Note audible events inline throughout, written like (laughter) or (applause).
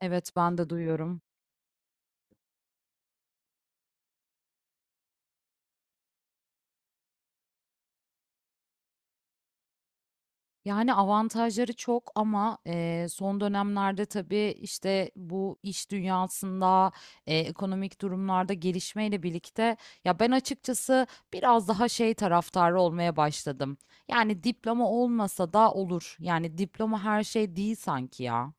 Evet, ben de duyuyorum. Yani avantajları çok ama son dönemlerde tabii işte bu iş dünyasında ekonomik durumlarda gelişmeyle birlikte ya ben açıkçası biraz daha şey taraftarı olmaya başladım. Yani diploma olmasa da olur. Yani diploma her şey değil sanki ya.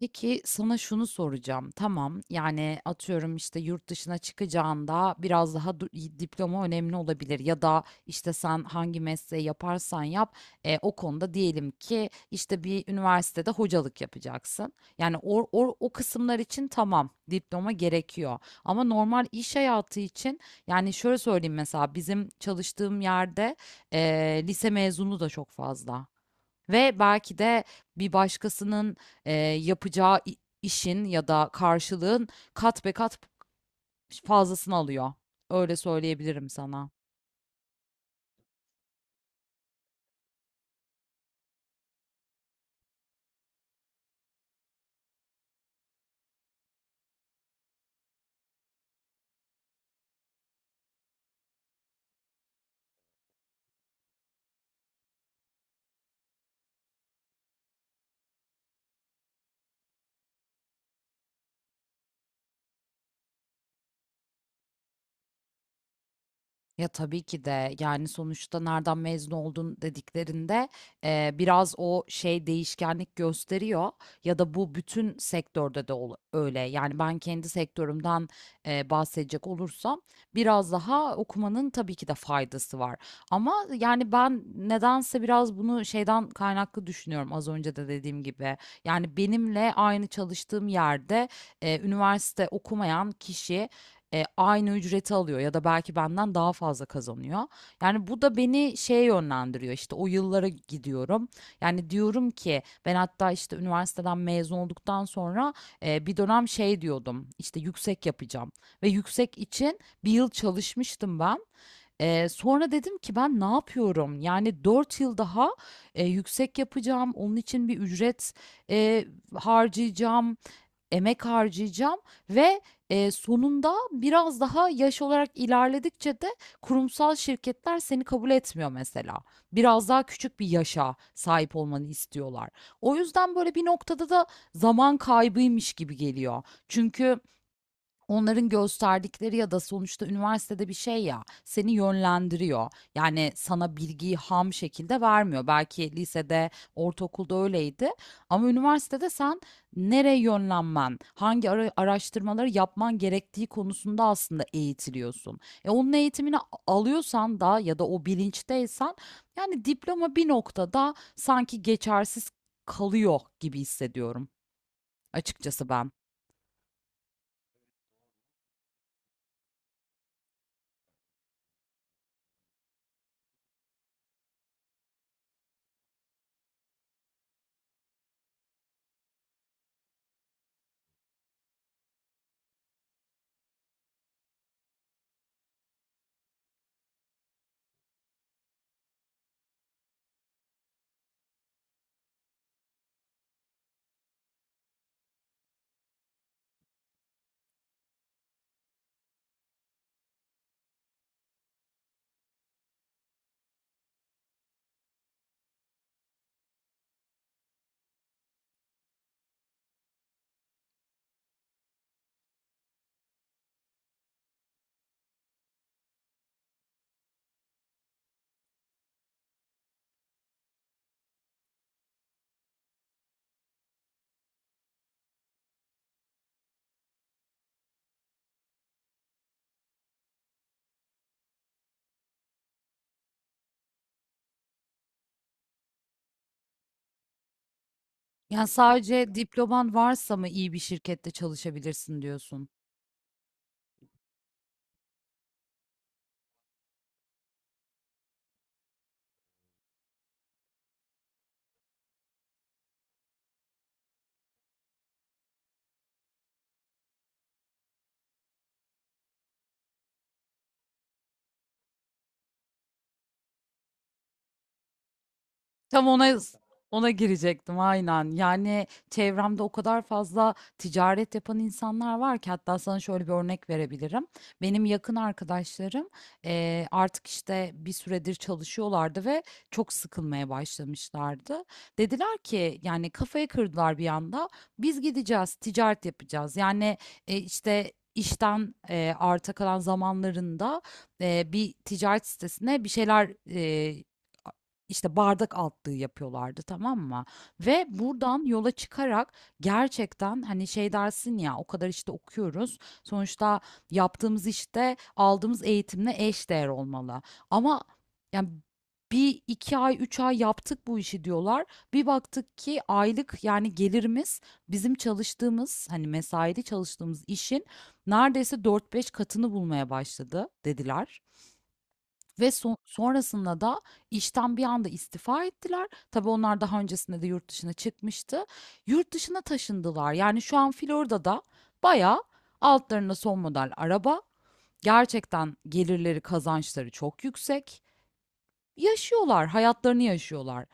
Peki sana şunu soracağım. Tamam, yani atıyorum işte yurt dışına çıkacağında biraz daha diploma önemli olabilir ya da işte sen hangi mesleği yaparsan yap, o konuda diyelim ki işte bir üniversitede hocalık yapacaksın. Yani o kısımlar için tamam diploma gerekiyor ama normal iş hayatı için yani şöyle söyleyeyim mesela bizim çalıştığım yerde e, lise mezunu da çok fazla. Ve belki de bir başkasının yapacağı işin ya da karşılığın kat be kat fazlasını alıyor. Öyle söyleyebilirim sana. Ya tabii ki de yani sonuçta nereden mezun oldun dediklerinde biraz o şey değişkenlik gösteriyor ya da bu bütün sektörde de öyle. Yani ben kendi sektörümden bahsedecek olursam biraz daha okumanın tabii ki de faydası var. Ama yani ben nedense biraz bunu şeyden kaynaklı düşünüyorum az önce de dediğim gibi. Yani benimle aynı çalıştığım yerde üniversite okumayan kişi, aynı ücreti alıyor ya da belki benden daha fazla kazanıyor. Yani bu da beni şeye yönlendiriyor işte o yıllara gidiyorum. Yani diyorum ki ben hatta işte üniversiteden mezun olduktan sonra bir dönem şey diyordum işte yüksek yapacağım ve yüksek için bir yıl çalışmıştım ben. Sonra dedim ki ben ne yapıyorum? Yani 4 yıl daha yüksek yapacağım. Onun için bir ücret e, harcayacağım emek harcayacağım ve, sonunda biraz daha yaş olarak ilerledikçe de kurumsal şirketler seni kabul etmiyor mesela. Biraz daha küçük bir yaşa sahip olmanı istiyorlar. O yüzden böyle bir noktada da zaman kaybıymış gibi geliyor. Çünkü onların gösterdikleri ya da sonuçta üniversitede bir şey ya seni yönlendiriyor. Yani sana bilgiyi ham şekilde vermiyor. Belki lisede, ortaokulda öyleydi ama üniversitede sen nereye yönlenmen, hangi araştırmaları yapman gerektiği konusunda aslında eğitiliyorsun. E onun eğitimini alıyorsan da ya da o bilinçteysen yani diploma bir noktada sanki geçersiz kalıyor gibi hissediyorum açıkçası ben. Yani sadece diploman varsa mı iyi bir şirkette çalışabilirsin diyorsun? Tam ona girecektim aynen. Yani çevremde o kadar fazla ticaret yapan insanlar var ki hatta sana şöyle bir örnek verebilirim. Benim yakın arkadaşlarım artık işte bir süredir çalışıyorlardı ve çok sıkılmaya başlamışlardı. Dediler ki yani kafayı kırdılar bir anda. Biz gideceğiz, ticaret yapacağız. Yani işte işten arta kalan zamanlarında bir ticaret sitesine bir şeyler, işte bardak altlığı yapıyorlardı, tamam mı? Ve buradan yola çıkarak gerçekten hani şey dersin ya o kadar işte okuyoruz. Sonuçta yaptığımız işte aldığımız eğitimle eş değer olmalı. Ama yani bir iki ay üç ay yaptık bu işi diyorlar. Bir baktık ki aylık yani gelirimiz bizim çalıştığımız hani mesaili çalıştığımız işin neredeyse dört beş katını bulmaya başladı dediler. Ve sonrasında da işten bir anda istifa ettiler. Tabii onlar daha öncesinde de yurt dışına çıkmıştı. Yurt dışına taşındılar. Yani şu an Florida'da bayağı altlarında son model araba. Gerçekten gelirleri, kazançları çok yüksek. Yaşıyorlar, hayatlarını yaşıyorlar.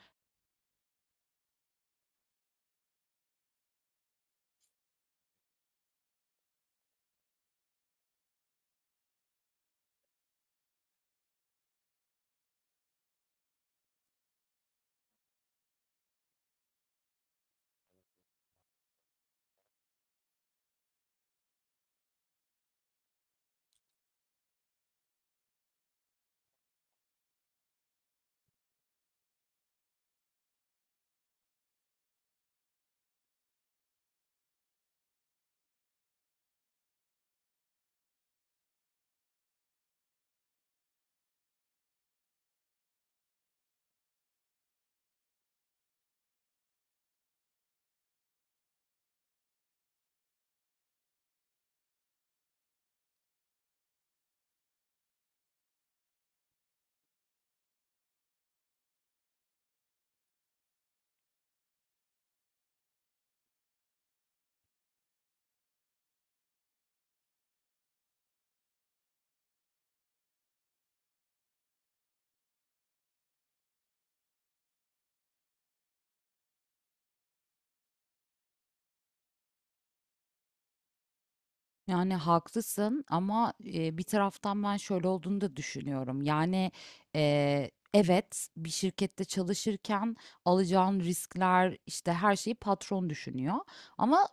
Yani haklısın ama bir taraftan ben şöyle olduğunu da düşünüyorum. Yani evet bir şirkette çalışırken alacağın riskler işte her şeyi patron düşünüyor. Ama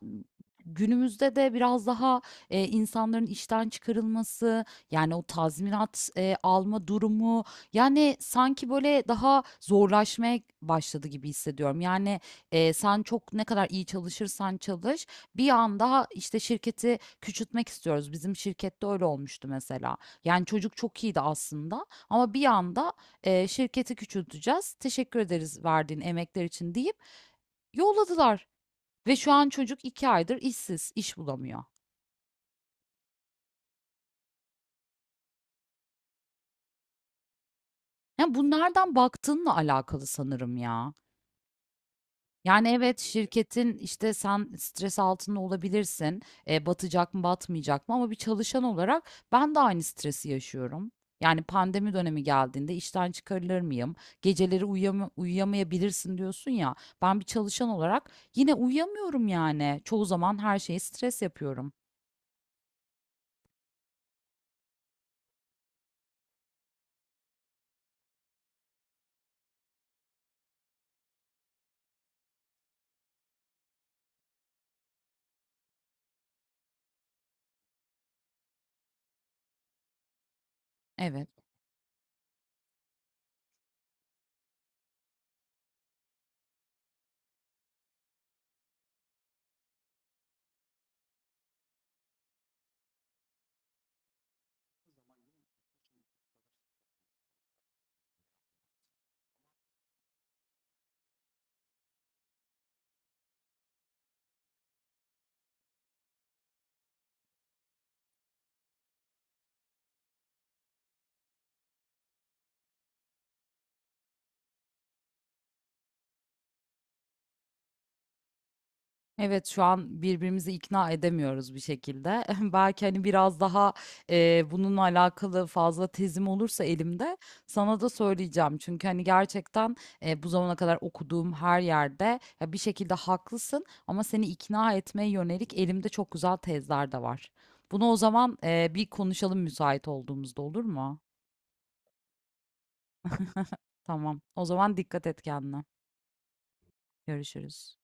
günümüzde de biraz daha insanların işten çıkarılması yani o tazminat alma durumu yani sanki böyle daha zorlaşmaya başladı gibi hissediyorum. Yani sen çok ne kadar iyi çalışırsan çalış. Bir anda işte şirketi küçültmek istiyoruz. Bizim şirkette öyle olmuştu mesela. Yani çocuk çok iyiydi aslında ama bir anda şirketi küçülteceğiz. Teşekkür ederiz verdiğin emekler için deyip yolladılar. Ve şu an çocuk iki aydır işsiz, iş bulamıyor. Yani bu nereden baktığınla alakalı sanırım ya. Yani evet şirketin işte sen stres altında olabilirsin. E, batacak mı batmayacak mı ama bir çalışan olarak ben de aynı stresi yaşıyorum. Yani pandemi dönemi geldiğinde işten çıkarılır mıyım? Geceleri uyuyamayabilirsin diyorsun ya. Ben bir çalışan olarak yine uyuyamıyorum yani. Çoğu zaman her şeyi stres yapıyorum. Evet. Evet şu an birbirimizi ikna edemiyoruz bir şekilde. (laughs) Belki hani biraz daha bununla alakalı fazla tezim olursa elimde sana da söyleyeceğim. Çünkü hani gerçekten bu zamana kadar okuduğum her yerde ya bir şekilde haklısın ama seni ikna etmeye yönelik elimde çok güzel tezler de var. Bunu o zaman bir konuşalım müsait olduğumuzda olur mu? Tamam. O zaman dikkat et kendine. Görüşürüz.